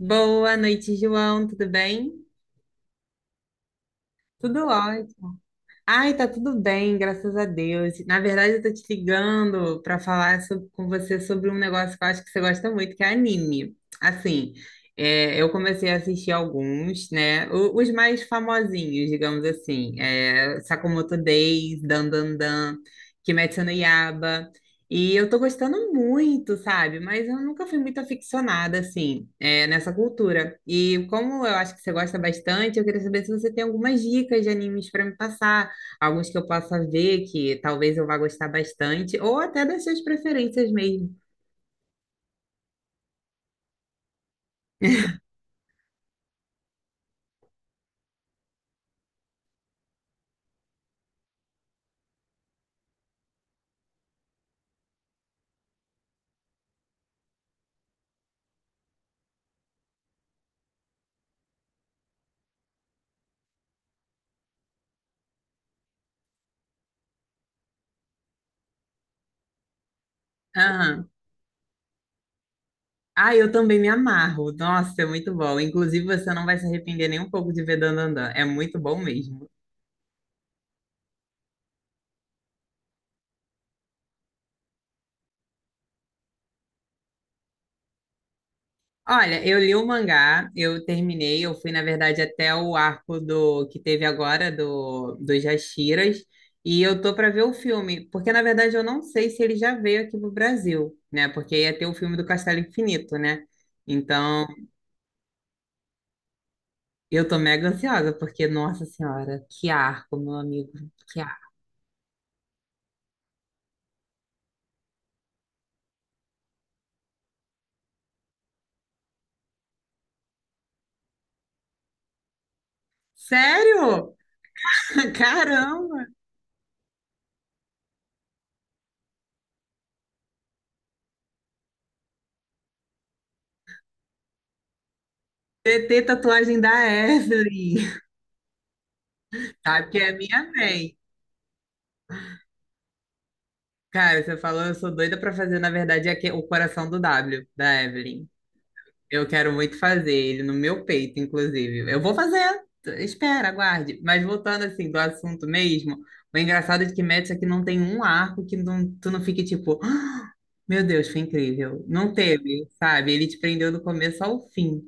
Boa noite, João. Tudo bem? Tudo ótimo. Ai, tá tudo bem, graças a Deus. Na verdade, eu tô te ligando para falar com você sobre um negócio que eu acho que você gosta muito, que é anime. Assim, eu comecei a assistir alguns, né? Os mais famosinhos, digamos assim. Sakamoto Days, Dan Dan Dan, Kimetsu no Yaiba. E eu tô gostando muito, sabe? Mas eu nunca fui muito aficionada, assim, nessa cultura. E como eu acho que você gosta bastante, eu queria saber se você tem algumas dicas de animes para me passar alguns que eu possa ver que talvez eu vá gostar bastante, ou até das suas preferências mesmo. Aham. Ah, eu também me amarro. Nossa, é muito bom. Inclusive, você não vai se arrepender nem um pouco de ver Dandadan. É muito bom mesmo. Olha, eu li o mangá, eu terminei, eu fui, na verdade, até o arco do que teve agora do dos Jashiras, e eu tô para ver o filme, porque na verdade eu não sei se ele já veio aqui pro Brasil, né? Porque ia ter o filme do Castelo Infinito, né? Então, eu tô mega ansiosa, porque, nossa senhora, que arco, meu amigo, que arco. Sério? Caramba! TT tatuagem da Ashley, sabe que é minha mãe. Cara, você falou, eu sou doida pra fazer, na verdade, é o coração do W, da Evelyn. Eu quero muito fazer ele no meu peito, inclusive. Eu vou fazer, espera, aguarde. Mas voltando, assim, do assunto mesmo, o engraçado é que Metis aqui não tem um arco que tu não fique tipo... Meu Deus, foi incrível. Não teve, sabe? Ele te prendeu do começo ao fim.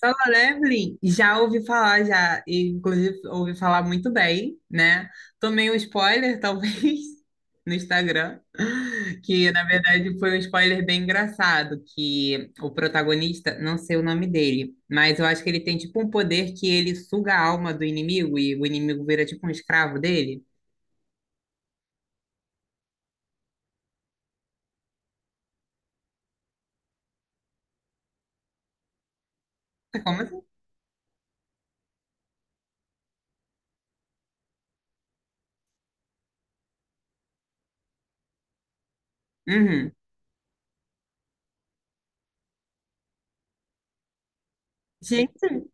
Solo Leveling, já ouvi falar, já, e, inclusive ouvi falar muito bem, né? Tomei um spoiler, talvez, no Instagram, que na verdade foi um spoiler bem engraçado, que o protagonista, não sei o nome dele, mas eu acho que ele tem tipo um poder que ele suga a alma do inimigo e o inimigo vira tipo um escravo dele. Como assim? Uhum. Gente,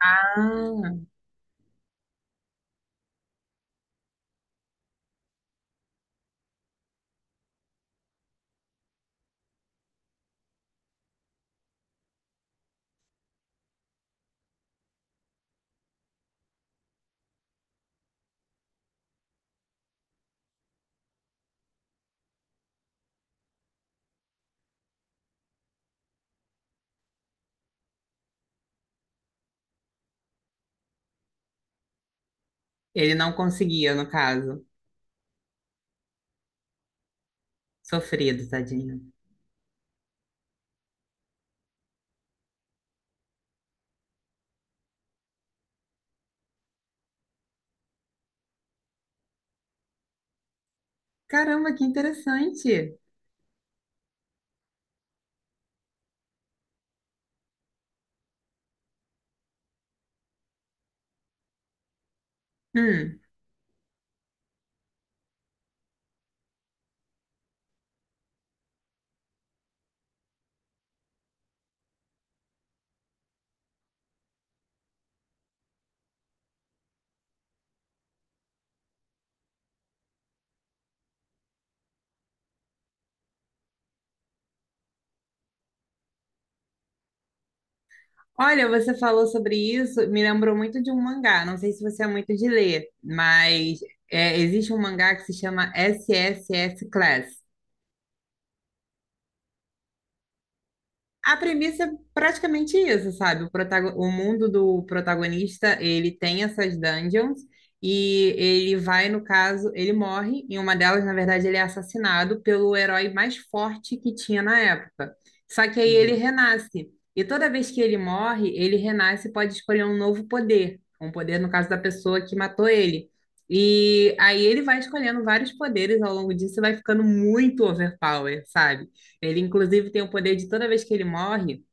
ah, ele não conseguia, no caso. Sofrido, tadinho. Caramba, que interessante. Hum. Olha, você falou sobre isso, me lembrou muito de um mangá. Não sei se você é muito de ler, mas é, existe um mangá que se chama SSS Class. A premissa é praticamente isso, sabe? O mundo do protagonista, ele tem essas dungeons e ele vai, no caso, ele morre. Em uma delas, na verdade, ele é assassinado pelo herói mais forte que tinha na época. Só que aí ele, Uhum, renasce. E toda vez que ele morre, ele renasce e pode escolher um novo poder. Um poder, no caso, da pessoa que matou ele. E aí ele vai escolhendo vários poderes ao longo disso e vai ficando muito overpower, sabe? Ele, inclusive, tem o poder de toda vez que ele morre,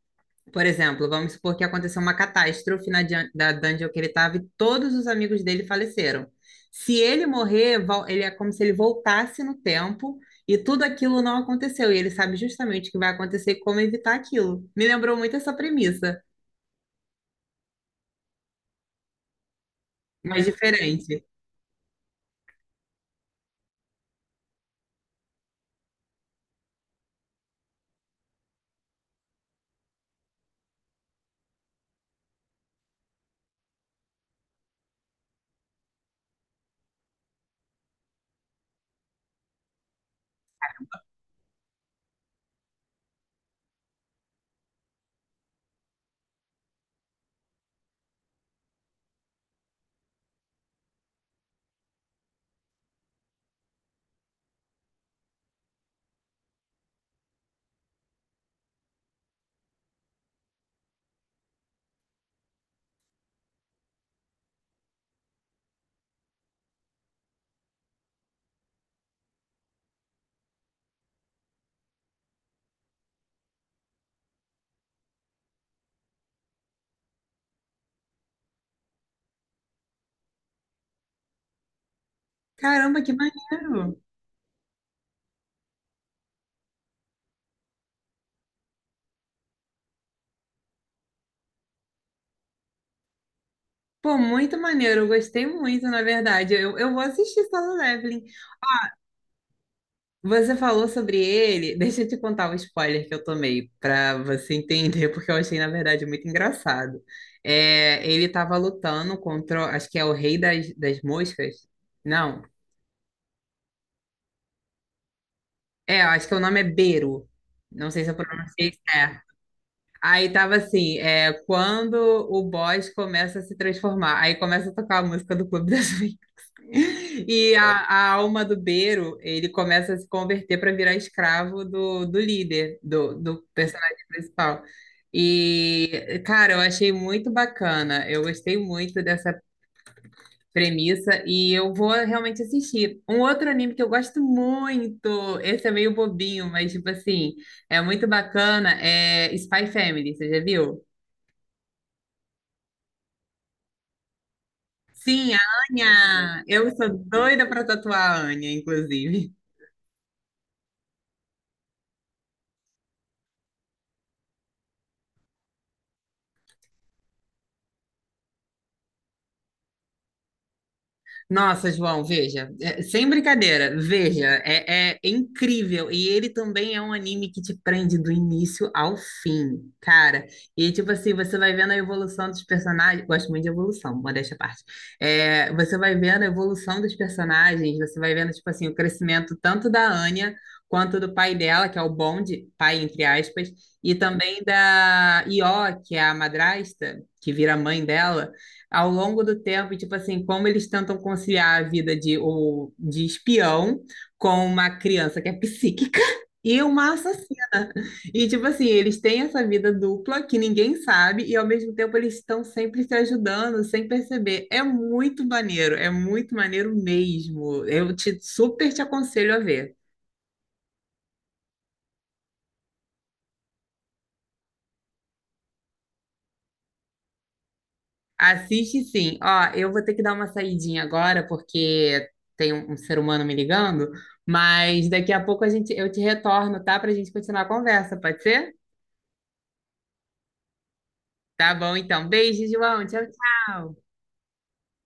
por exemplo, vamos supor que aconteceu uma catástrofe na da dungeon que ele estava e todos os amigos dele faleceram. Se ele morrer, ele é como se ele voltasse no tempo e tudo aquilo não aconteceu. E ele sabe justamente o que vai acontecer e como evitar aquilo. Me lembrou muito essa premissa, mas diferente. Caramba, que maneiro! Pô, muito maneiro, eu gostei muito, na verdade. Eu vou assistir Solo Leveling. Você falou sobre ele. Deixa eu te contar um spoiler que eu tomei, para você entender, porque eu achei, na verdade, muito engraçado. É, ele estava lutando contra, acho que é o Rei das, das Moscas. Não, é, eu acho que o nome é Beru. Não sei se eu pronunciei certo. Aí tava assim, é, quando o boss começa a se transformar, aí começa a tocar a música do Clube das Vinganças. E a alma do Beiro, ele começa a se converter para virar escravo do, do líder, do, do personagem principal. E, cara, eu achei muito bacana. Eu gostei muito dessa premissa e eu vou realmente assistir. Um outro anime que eu gosto muito, esse é meio bobinho, mas, tipo assim, é muito bacana, é Spy Family, você já viu? Sim, a Anya! Eu sou doida para tatuar a Anya, inclusive. Nossa, João, veja, é, sem brincadeira, veja, é, é incrível. E ele também é um anime que te prende do início ao fim, cara. E tipo assim, você vai vendo a evolução dos personagens. Gosto muito de evolução, modéstia à parte. É, você vai vendo a evolução dos personagens, você vai vendo, tipo assim, o crescimento tanto da Anya quanto do pai dela, que é o Bond, pai entre aspas, e também da Io, que é a madrasta, que vira mãe dela ao longo do tempo, tipo assim, como eles tentam conciliar a vida de, o, de espião com uma criança que é psíquica e uma assassina. E, tipo assim, eles têm essa vida dupla que ninguém sabe e, ao mesmo tempo, eles estão sempre se ajudando sem perceber. É muito maneiro mesmo. Eu te super te aconselho a ver. Assiste sim. Ó, eu vou ter que dar uma saidinha agora, porque tem um ser humano me ligando, mas daqui a pouco a gente, eu te retorno, tá? Pra gente continuar a conversa, pode ser? Tá bom, então. Beijo, João. Tchau, tchau.